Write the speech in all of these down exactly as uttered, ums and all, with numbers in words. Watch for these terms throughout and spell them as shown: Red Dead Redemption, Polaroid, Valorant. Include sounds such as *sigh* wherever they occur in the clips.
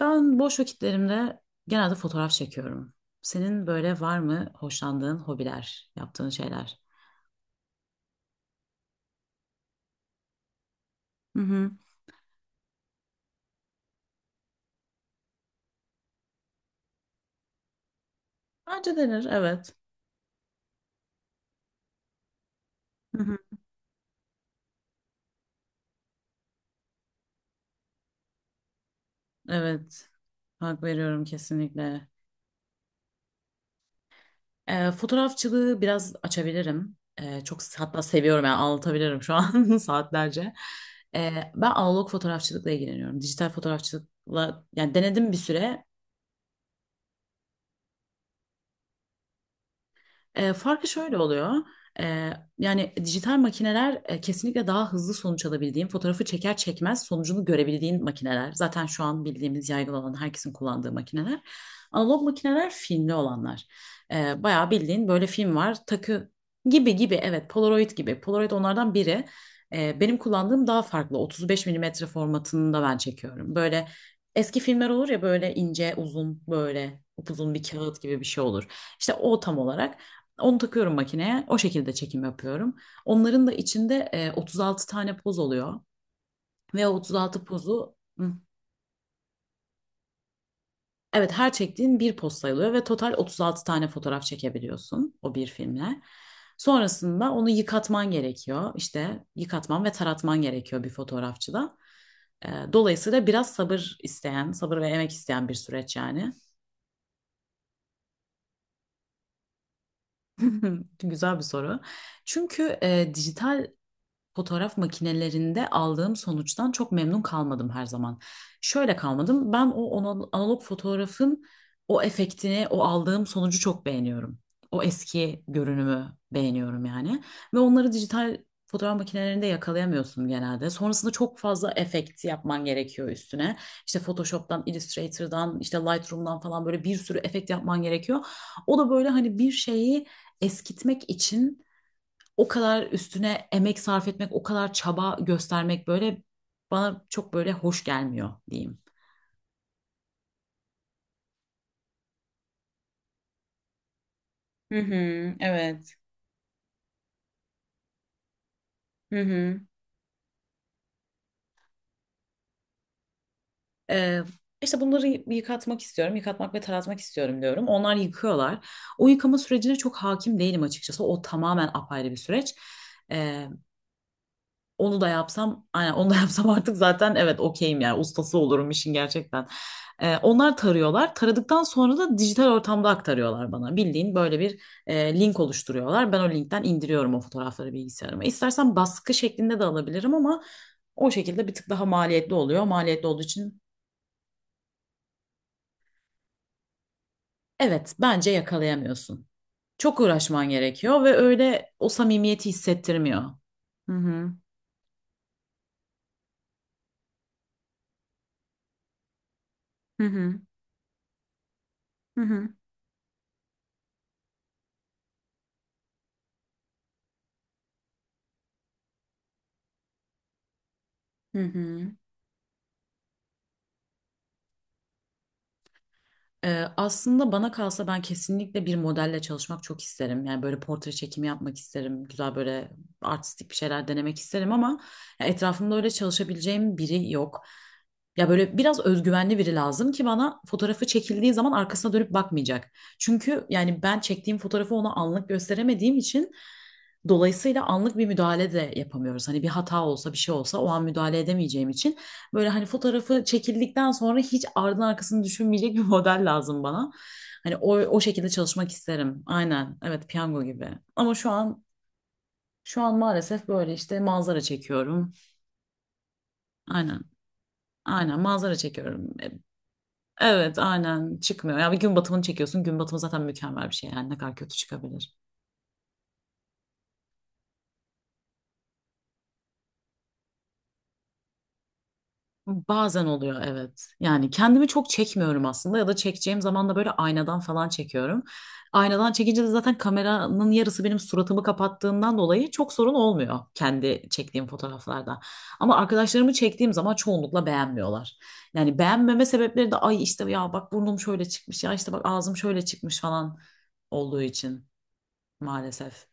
Ben boş vakitlerimde genelde fotoğraf çekiyorum. Senin böyle var mı hoşlandığın hobiler, yaptığın şeyler? Hı hı. Bence denir, evet. Hı hı. Evet, hak veriyorum kesinlikle. Ee, fotoğrafçılığı biraz açabilirim. Ee, çok hatta seviyorum yani anlatabilirim şu an *laughs* saatlerce. Ee, ben analog fotoğrafçılıkla ilgileniyorum. Dijital fotoğrafçılıkla yani denedim bir süre. E, farkı şöyle oluyor. E, yani dijital makineler e, kesinlikle daha hızlı sonuç alabildiğin, fotoğrafı çeker çekmez sonucunu görebildiğin makineler. Zaten şu an bildiğimiz yaygın olan herkesin kullandığı makineler. Analog makineler filmli olanlar. E, bayağı bildiğin böyle film var, takı gibi gibi evet Polaroid gibi. Polaroid onlardan biri. E, benim kullandığım daha farklı. otuz beş milimetre formatında ben çekiyorum. Böyle eski filmler olur ya böyle ince uzun böyle upuzun bir kağıt gibi bir şey olur. İşte o tam olarak. Onu takıyorum makineye. O şekilde çekim yapıyorum. Onların da içinde e, otuz altı tane poz oluyor. Ve o otuz altı pozu hı, evet her çektiğin bir poz sayılıyor ve total otuz altı tane fotoğraf çekebiliyorsun o bir filmle. Sonrasında onu yıkatman gerekiyor. İşte yıkatman ve taratman gerekiyor bir fotoğrafçıda. E, dolayısıyla biraz sabır isteyen, sabır ve emek isteyen bir süreç yani. *laughs* Güzel bir soru. Çünkü e, dijital fotoğraf makinelerinde aldığım sonuçtan çok memnun kalmadım her zaman. Şöyle kalmadım. Ben o ana- analog fotoğrafın o efektini, o aldığım sonucu çok beğeniyorum. O eski görünümü beğeniyorum yani. Ve onları dijital fotoğraf makinelerinde yakalayamıyorsun genelde. Sonrasında çok fazla efekt yapman gerekiyor üstüne. İşte Photoshop'tan, Illustrator'dan, işte Lightroom'dan falan böyle bir sürü efekt yapman gerekiyor. O da böyle hani bir şeyi eskitmek için o kadar üstüne emek sarf etmek, o kadar çaba göstermek böyle bana çok böyle hoş gelmiyor diyeyim. Hı hı, evet. Hı hı. Ee, işte bunları yıkatmak istiyorum, yıkatmak ve taratmak istiyorum diyorum. Onlar yıkıyorlar. O yıkama sürecine çok hakim değilim açıkçası. O tamamen apayrı bir süreç. Ee, Onu da yapsam, aynen onu da *laughs* yapsam artık zaten evet okeyim yani ustası olurum işin gerçekten. Ee, onlar tarıyorlar. Taradıktan sonra da dijital ortamda aktarıyorlar bana. Bildiğin böyle bir e, link oluşturuyorlar. Ben o linkten indiriyorum o fotoğrafları bilgisayarıma. İstersen baskı şeklinde de alabilirim ama o şekilde bir tık daha maliyetli oluyor. Maliyetli olduğu için evet bence yakalayamıyorsun. Çok uğraşman gerekiyor ve öyle o samimiyeti hissettirmiyor. Hı hı. Hı hı. Hı hı. Hı hı. Ee, aslında bana kalsa ben kesinlikle bir modelle çalışmak çok isterim. Yani böyle portre çekimi yapmak isterim. Güzel böyle artistik bir şeyler denemek isterim ama ya etrafımda öyle çalışabileceğim biri yok. Ya böyle biraz özgüvenli biri lazım ki bana fotoğrafı çekildiği zaman arkasına dönüp bakmayacak. Çünkü yani ben çektiğim fotoğrafı ona anlık gösteremediğim için dolayısıyla anlık bir müdahale de yapamıyoruz. Hani bir hata olsa bir şey olsa o an müdahale edemeyeceğim için böyle hani fotoğrafı çekildikten sonra hiç ardın arkasını düşünmeyecek bir model lazım bana. Hani o, o şekilde çalışmak isterim. Aynen. Evet, piyango gibi. Ama şu an şu an maalesef böyle işte manzara çekiyorum. Aynen. Aynen manzara çekiyorum. E, Evet, aynen çıkmıyor. Ya bir gün batımını çekiyorsun. Gün batımı zaten mükemmel bir şey. Yani ne kadar kötü çıkabilir. Bazen oluyor evet. Yani kendimi çok çekmiyorum aslında ya da çekeceğim zaman da böyle aynadan falan çekiyorum. Aynadan çekince de zaten kameranın yarısı benim suratımı kapattığından dolayı çok sorun olmuyor kendi çektiğim fotoğraflarda. Ama arkadaşlarımı çektiğim zaman çoğunlukla beğenmiyorlar. Yani beğenmeme sebepleri de ay işte ya bak burnum şöyle çıkmış ya işte bak ağzım şöyle çıkmış falan olduğu için maalesef.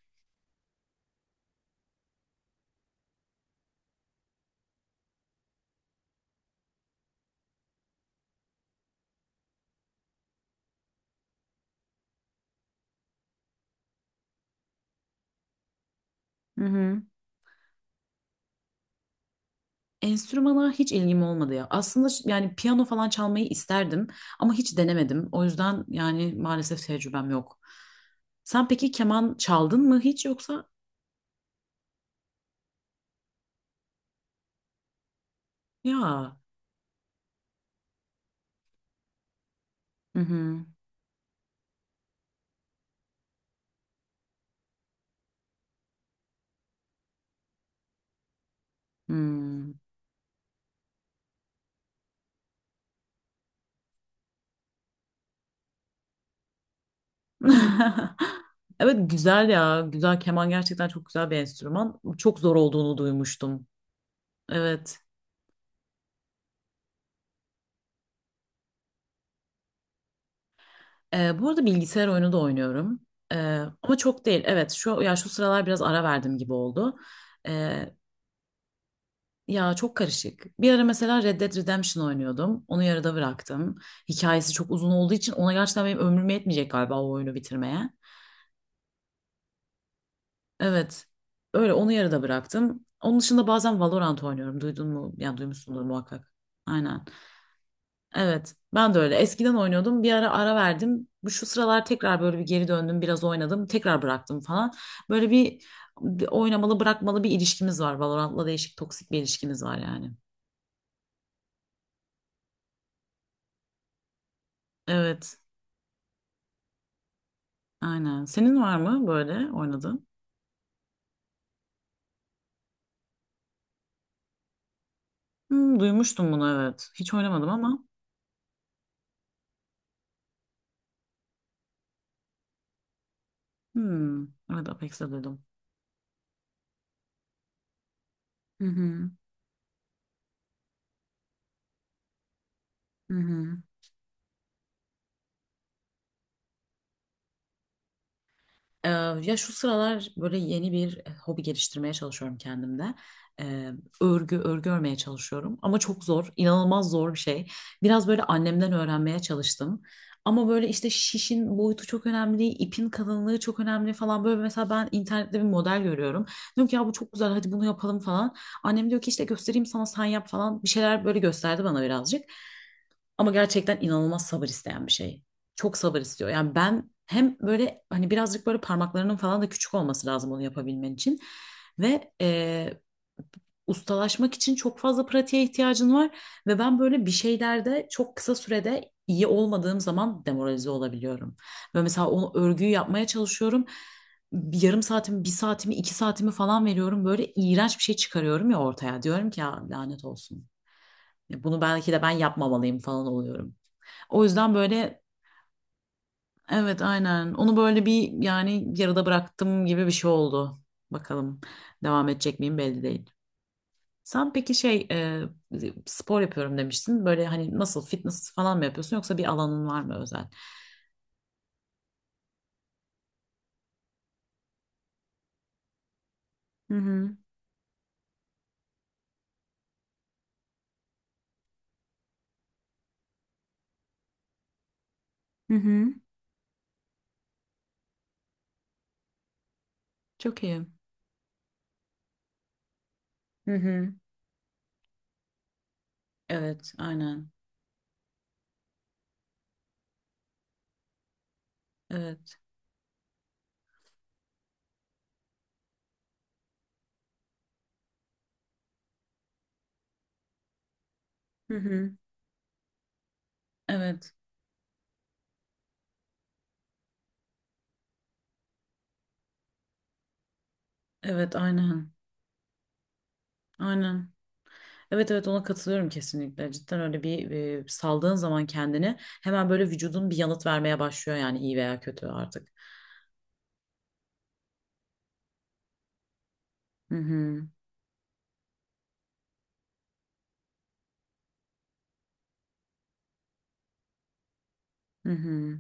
Hı hı. Enstrümana hiç ilgim olmadı ya. Aslında ş- yani piyano falan çalmayı isterdim ama hiç denemedim. O yüzden yani maalesef tecrübem yok. Sen peki keman çaldın mı hiç yoksa? Ya. Hı hı. Hmm. *laughs* Evet güzel ya. Güzel keman gerçekten çok güzel bir enstrüman. Çok zor olduğunu duymuştum. Evet. Ee, bu arada bilgisayar oyunu da oynuyorum. Ee, ama çok değil. Evet şu ya şu sıralar biraz ara verdim gibi oldu. Ee, Ya çok karışık. Bir ara mesela Red Dead Redemption oynuyordum. Onu yarıda bıraktım. Hikayesi çok uzun olduğu için ona gerçekten benim ömrüm yetmeyecek galiba o oyunu bitirmeye. Evet. Öyle onu yarıda bıraktım. Onun dışında bazen Valorant oynuyorum. Duydun mu? Yani duymuşsundur muhakkak. Aynen. Evet. Ben de öyle. Eskiden oynuyordum. Bir ara ara verdim. Bu şu sıralar tekrar böyle bir geri döndüm. Biraz oynadım. Tekrar bıraktım falan. Böyle bir oynamalı bırakmalı bir ilişkimiz var. Valorant'la değişik toksik bir ilişkimiz var yani. Evet. Aynen. Senin var mı böyle oynadığın? Hmm, duymuştum bunu evet. Hiç oynamadım ama. Hmm, evet Apex'te duydum. Hı hı. Hı hı. Ee, ya şu sıralar böyle yeni bir e, hobi geliştirmeye çalışıyorum kendimde. Ee, örgü, örgü örmeye çalışıyorum. Ama çok zor, inanılmaz zor bir şey. Biraz böyle annemden öğrenmeye çalıştım. Ama böyle işte şişin boyutu çok önemli, ipin kalınlığı çok önemli falan. Böyle mesela ben internette bir model görüyorum. Diyorum ki ya bu çok güzel hadi bunu yapalım falan. Annem diyor ki işte göstereyim sana sen yap falan. Bir şeyler böyle gösterdi bana birazcık. Ama gerçekten inanılmaz sabır isteyen bir şey. Çok sabır istiyor. Yani ben hem böyle hani birazcık böyle parmaklarının falan da küçük olması lazım onu yapabilmen için. Ve e, ustalaşmak için çok fazla pratiğe ihtiyacın var. Ve ben böyle bir şeylerde çok kısa sürede iyi olmadığım zaman demoralize olabiliyorum. Ve mesela onu örgüyü yapmaya çalışıyorum. Bir yarım saatimi, bir saatimi, iki saatimi falan veriyorum. Böyle iğrenç bir şey çıkarıyorum ya ortaya. Diyorum ki ya lanet olsun. Ya bunu belki de ben yapmamalıyım falan oluyorum. O yüzden böyle evet aynen onu böyle bir yani yarıda bıraktım gibi bir şey oldu. Bakalım devam edecek miyim belli değil. Sen peki şey e, spor yapıyorum demiştin. Böyle hani nasıl fitness falan mı yapıyorsun yoksa bir alanın var mı özel? Hı hı. Hı hı. Çok iyi. Hı hı. Evet aynen. Evet. Hı hı. Evet. Evet aynen. Aynen. Evet evet ona katılıyorum kesinlikle. Cidden öyle bir e, saldığın zaman kendini hemen böyle vücudun bir yanıt vermeye başlıyor yani iyi veya kötü artık. Hı hı. Hı hı.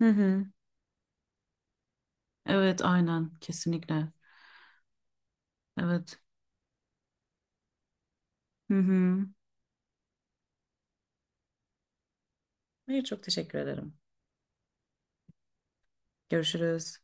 Hı hı. Evet aynen kesinlikle. Evet. Hı hı. Hayır çok teşekkür ederim. Görüşürüz.